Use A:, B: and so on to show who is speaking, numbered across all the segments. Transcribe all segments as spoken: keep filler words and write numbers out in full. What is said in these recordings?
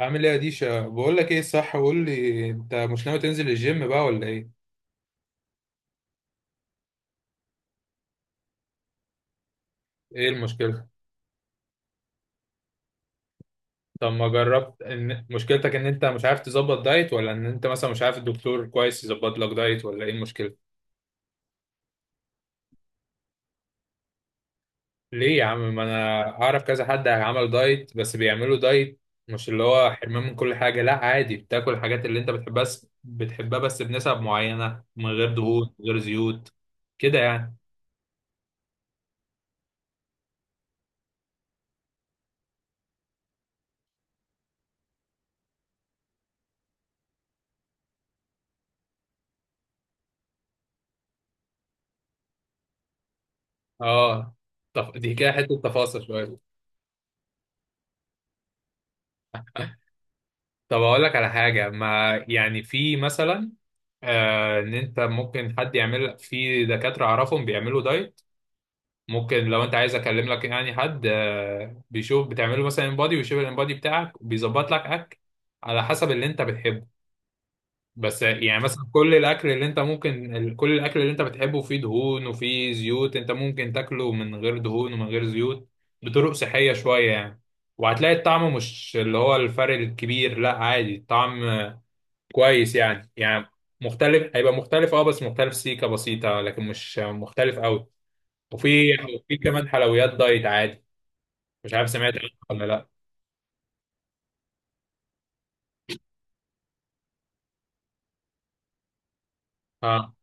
A: عامل ايه يا ديشا؟ بقول لك ايه، صح، قول لي، انت مش ناوي تنزل الجيم بقى ولا ايه؟ ايه المشكله؟ طب ما جربت ان مشكلتك ان انت مش عارف تظبط دايت، ولا ان انت مثلا مش عارف الدكتور كويس يظبط لك دايت، ولا ايه المشكله؟ ليه يا عم؟ ما انا اعرف كذا حد عمل دايت، بس بيعملوا دايت مش اللي هو حرمان من كل حاجه، لا عادي، بتاكل الحاجات اللي انت بتحبها بس بتحبها بس بنسب معينه، من غير دهون، من غير زيوت، كده يعني. اه. طب دي كده حته تفاصيل شويه. طب اقول لك على حاجه، ما يعني في مثلا، آه ان انت ممكن حد يعمل لك، في دكاتره اعرفهم بيعملوا دايت. ممكن لو انت عايز اكلم لك يعني حد آه بيشوف، بتعمله مثلا انبادي ويشوف الانبادي بتاعك وبيظبط لك اكل على حسب اللي انت بتحبه. بس يعني مثلا كل الاكل اللي انت ممكن ال- كل الاكل اللي انت بتحبه فيه دهون وفيه زيوت، انت ممكن تاكله من غير دهون ومن غير زيوت، بطرق صحيه شويه يعني. وهتلاقي الطعم مش اللي هو الفرق الكبير، لا عادي الطعم كويس يعني، يعني مختلف، هيبقى مختلف اه، بس مختلف سيكة بسيطة لكن مش مختلف قوي. وفي وفي كمان حلويات دايت عادي. مش عارف سمعت عنها ولا لا. اه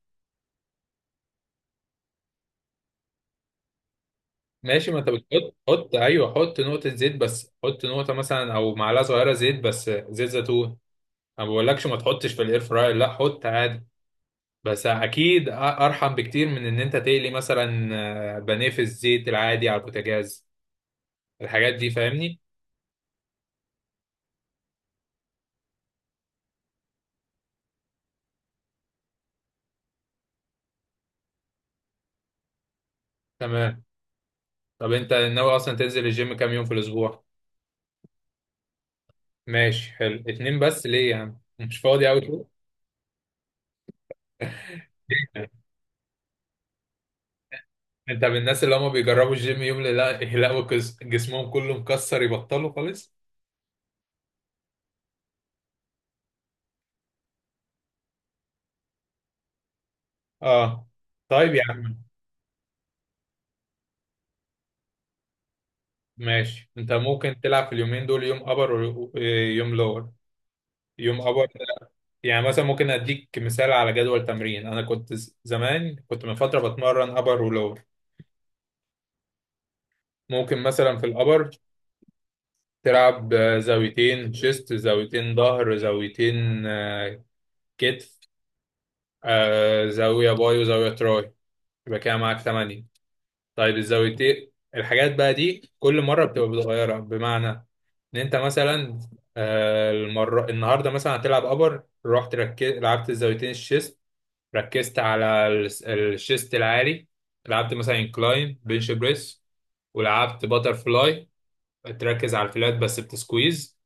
A: ماشي، ما انت بتحط، حط ايوه، حط نقطة زيت بس، حط نقطة مثلا او معلقة صغيرة زيت، بس زيت زيتون. انا ما بقولكش ما تحطش في الاير فراير، لا حط عادي، بس اكيد أ- ارحم بكتير من ان انت تقلي مثلا آه، بانيه في الزيت العادي على البوتاجاز، الحاجات دي، فاهمني؟ تمام. طب انت ناوي اصلا تنزل الجيم كام يوم في الاسبوع؟ ماشي حلو، اتنين بس ليه يا عم؟ مش فاضي قوي كده؟ انت من الناس اللي هم بيجربوا الجيم يوم لا يلاقوا كس- جسمهم كله مكسر يبطلوا خالص. اه طيب يا عم. ماشي انت ممكن تلعب في اليومين دول يوم ابر ويوم لور. يوم ابر يعني مثلا ممكن اديك مثال على جدول تمرين، انا كنت ز- زمان كنت من فترة بتمرن ابر ولور. ممكن مثلا في الابر تلعب آه، زاويتين شيست، زاويتين ظهر، زاويتين آه، كتف، آه زاوية باي وزاوية تراي، يبقى كده معاك تمانية. طيب الزاويتين الحاجات بقى دي كل مرة بتبقى متغيرة، بمعنى إن أنت مثلا آه المرة النهاردة مثلا هتلعب أبر، رحت ركز... لعبت الزاويتين الشيست، ركزت على الس- الشيست العالي، لعبت مثلا انكلاين بنش بريس، ولعبت باتر فلاي، تركز على الفلات بس بتسكويز.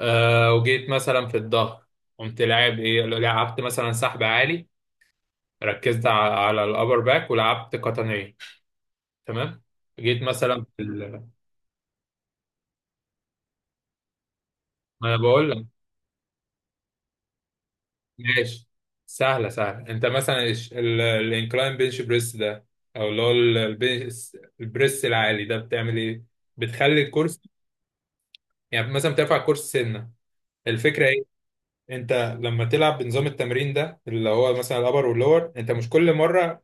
A: آه وجيت مثلا في الظهر، قمت لاعب ايه؟ لعبت مثلا سحب عالي، ركزت ع- على الأبر باك، ولعبت قطنية. تمام. جيت مثلا في ال... ما أنا بقول لك. ماشي. سهلة سهلة، أنت مثلا الش- ال... الانكلاين بنش بريس ده، أو اللي هو ال- البنش البريس العالي ده بتعمل إيه؟ بتخلي الكرسي، يعني مثلا بترفع الكرسي سنة. الفكرة إيه؟ أنت لما تلعب بنظام التمرين ده اللي هو مثلا الأبر واللور، أنت مش كل مرة،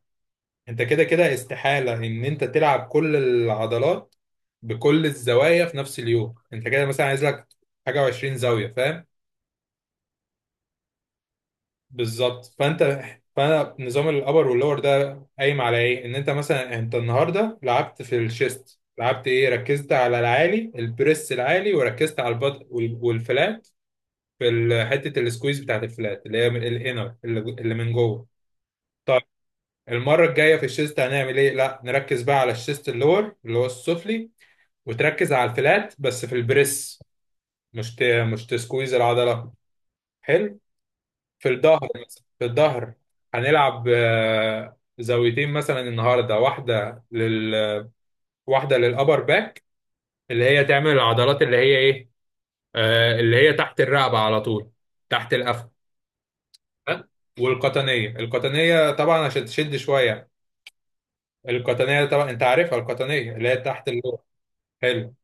A: انت كده كده استحالة ان انت تلعب كل العضلات بكل الزوايا في نفس اليوم، انت كده مثلا عايز لك حاجة و20 زاوية، فاهم؟ بالظبط. فانت، فانا نظام الابر واللور ده قايم على ايه؟ ان انت مثلا انت النهاردة لعبت في الشيست، لعبت ايه؟ ركزت على العالي، البريس العالي، وركزت على البط وال- والفلات في ال- حتة السكويز بتاعت الفلات اللي هي من الانر اللي اللي من جوه. طيب المرة الجاية في الشيست هنعمل ايه؟ لا نركز بقى على الشيست اللور اللي هو السفلي، وتركز على الفلات بس في البريس، مش ت... مش تسكويز العضله. حلو. في الظهر مثلا، في الظهر هنلعب آه، زاويتين مثلا، النهارده واحده لل واحده للابر باك اللي هي تعمل العضلات اللي هي ايه؟ آه، اللي هي تحت الرقبه على طول، تحت القفا. ها؟ والقطنيه، القطنيه طبعا عشان تشد شويه، القطنيه طبعا انت عارفها، القطنيه اللي هي تحت اللور. حلو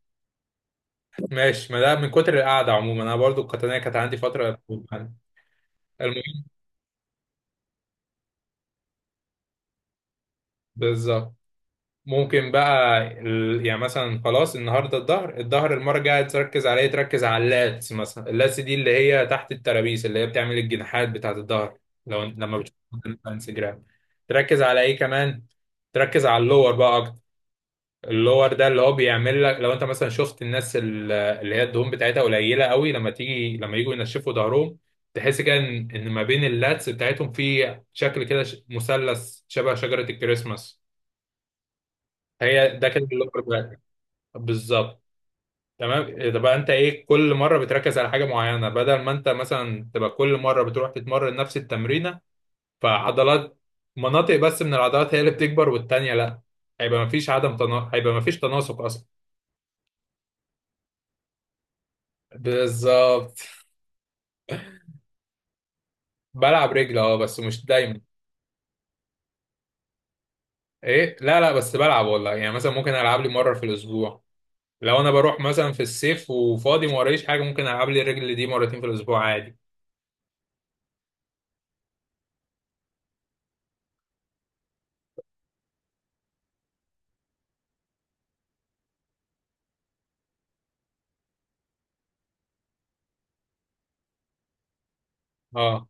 A: ماشي. ما ده من كتر القعده عموما، انا برضو القطنيه كانت عندي فتره، المهم. بالظبط. ممكن بقى ال... يعني مثلا خلاص النهارده الظهر، الظهر المره الجايه تركز على ايه؟ تركز على اللاتس مثلا. اللاتس دي اللي هي تحت الترابيس، اللي هي بتعمل الجناحات بتاعت الظهر، لو لما بتشوف على انستجرام. تركز على ايه كمان؟ تركز على اللور بقى اكتر. اللور ده اللي هو بيعمل لك، لو انت مثلا شفت الناس ال- اللي هي الدهون بتاعتها قليله قوي، لما تيجي لما يجوا ينشفوا ظهرهم، تحس كده ان إن ما بين اللاتس بتاعتهم في شكل كده ش- مثلث شبه شجره الكريسماس. هي ده كده اللوكر باك. بالظبط. تمام. ده بقى انت ايه؟ كل مره بتركز على حاجه معينه بدل ما انت مثلا تبقى كل مره بتروح تتمرن نفس التمرينه، فعضلات، مناطق بس من العضلات هي اللي بتكبر والتانيه لا، هيبقى مفيش عدم تنا... هيبقى مفيش تناسق اصلا. بالظبط. بلعب رجل اه بس مش دايما. ايه؟ لا لا بس بلعب والله، يعني مثلا ممكن العب لي مره في الاسبوع. لو انا بروح مثلا في الصيف وفاضي ما ورايش حاجه، ممكن العب لي الرجل دي مرتين في الاسبوع عادي. اه.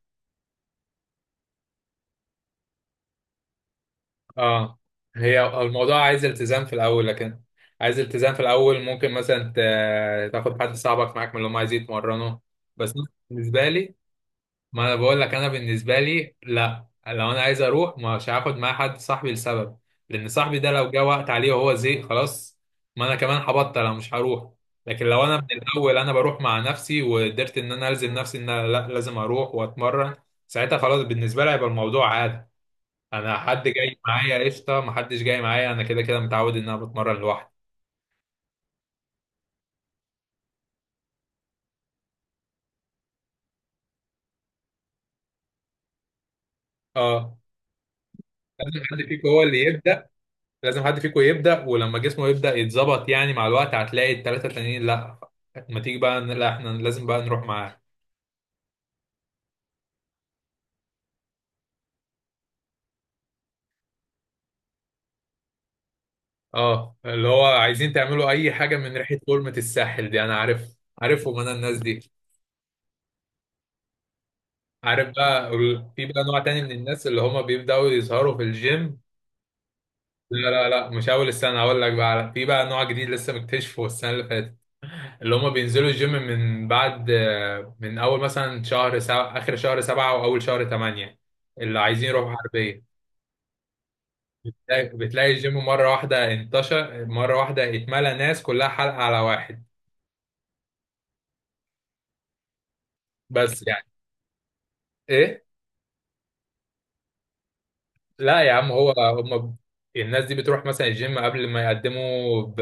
A: اه. هي الموضوع عايز التزام في الاول، لكن عايز التزام في الاول. ممكن مثلا ت- تاخد حد صاحبك معاك من اللي هم عايزين يتمرنوا. بس أنا بالنسبه لي، ما انا بقول لك انا بالنسبه لي، لا لو انا عايز اروح مش هاخد معايا حد صاحبي، لسبب، لان صاحبي ده لو جه وقت عليه وهو زهق خلاص، ما انا كمان هبطل، انا مش هروح. لكن لو انا من الاول انا بروح مع نفسي وقدرت ان انا الزم نفسي ان انا لا لازم اروح واتمرن، ساعتها خلاص بالنسبه لي هيبقى الموضوع عادي. انا حد جاي معايا قشطه، محدش جاي معايا انا كده كده متعود ان انا بتمرن لوحدي. اه. لازم حد فيكم هو اللي يبدا. لازم حد فيكم يبدا، ولما جسمه يبدا يتظبط يعني مع الوقت، هتلاقي الثلاثه التانيين لا ما تيجي بقى، لا احنا لازم بقى نروح معاه. اه اللي هو عايزين تعملوا اي حاجه من ريحه فورمه الساحل دي، انا عارف، عارفهم انا الناس دي. عارف بقى ال- في بقى نوع تاني من الناس اللي هما بيبداوا يظهروا في الجيم. لا لا لا مش اول السنه، هقول لك بقى على- في بقى نوع جديد لسه مكتشفه السنه اللي فاتت، اللي هما بينزلوا الجيم من بعد، من اول مثلا شهر سبعة، اخر شهر سبعة واول شهر تمانية، اللي عايزين يروحوا حربية. بتلاقي بتلاقي الجيم مرة واحدة انتشر، مرة واحدة اتملى ناس، كلها حلقة على واحد. بس يعني ايه؟ لا يا عم هو هما ب- الناس دي بتروح مثلا الجيم قبل ما يقدموا ب...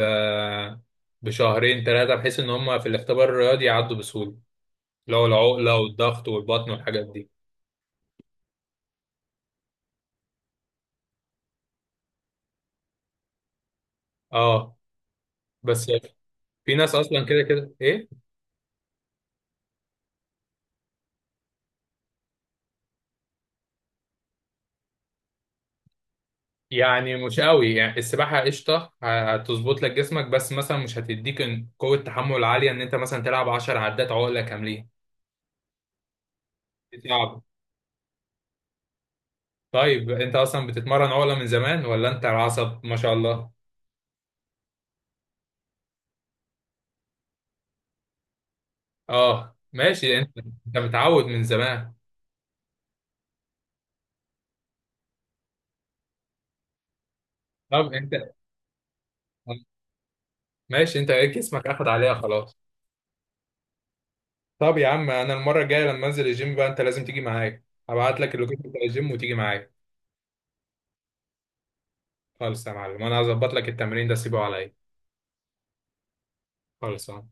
A: بشهرين ثلاثة، بحيث ان هما في الاختبار الرياضي يعدوا بسهولة، اللي هو العقلة والضغط والبطن والحاجات دي. اه بس في ناس اصلا كده كده ايه. يعني مش قوي يعني، السباحة قشطة هتظبط لك جسمك بس مثلا مش هتديك إن- قوة تحمل عالية ان انت مثلا تلعب عشرة عدات عقلة كاملين. صعب. طيب انت اصلا بتتمرن عقلة من زمان ولا انت العصب ما شاء الله؟ اه ماشي. انت انت متعود من زمان. طب انت ماشي، انت ايه جسمك اخد عليها خلاص. طب يا عم انا المرة الجاية لما انزل الجيم بقى انت لازم تيجي معايا، هبعت لك اللوكيشن بتاع الجيم وتيجي معايا. خالص يا معلم، انا هظبط لك التمرين ده سيبه عليا، خالص.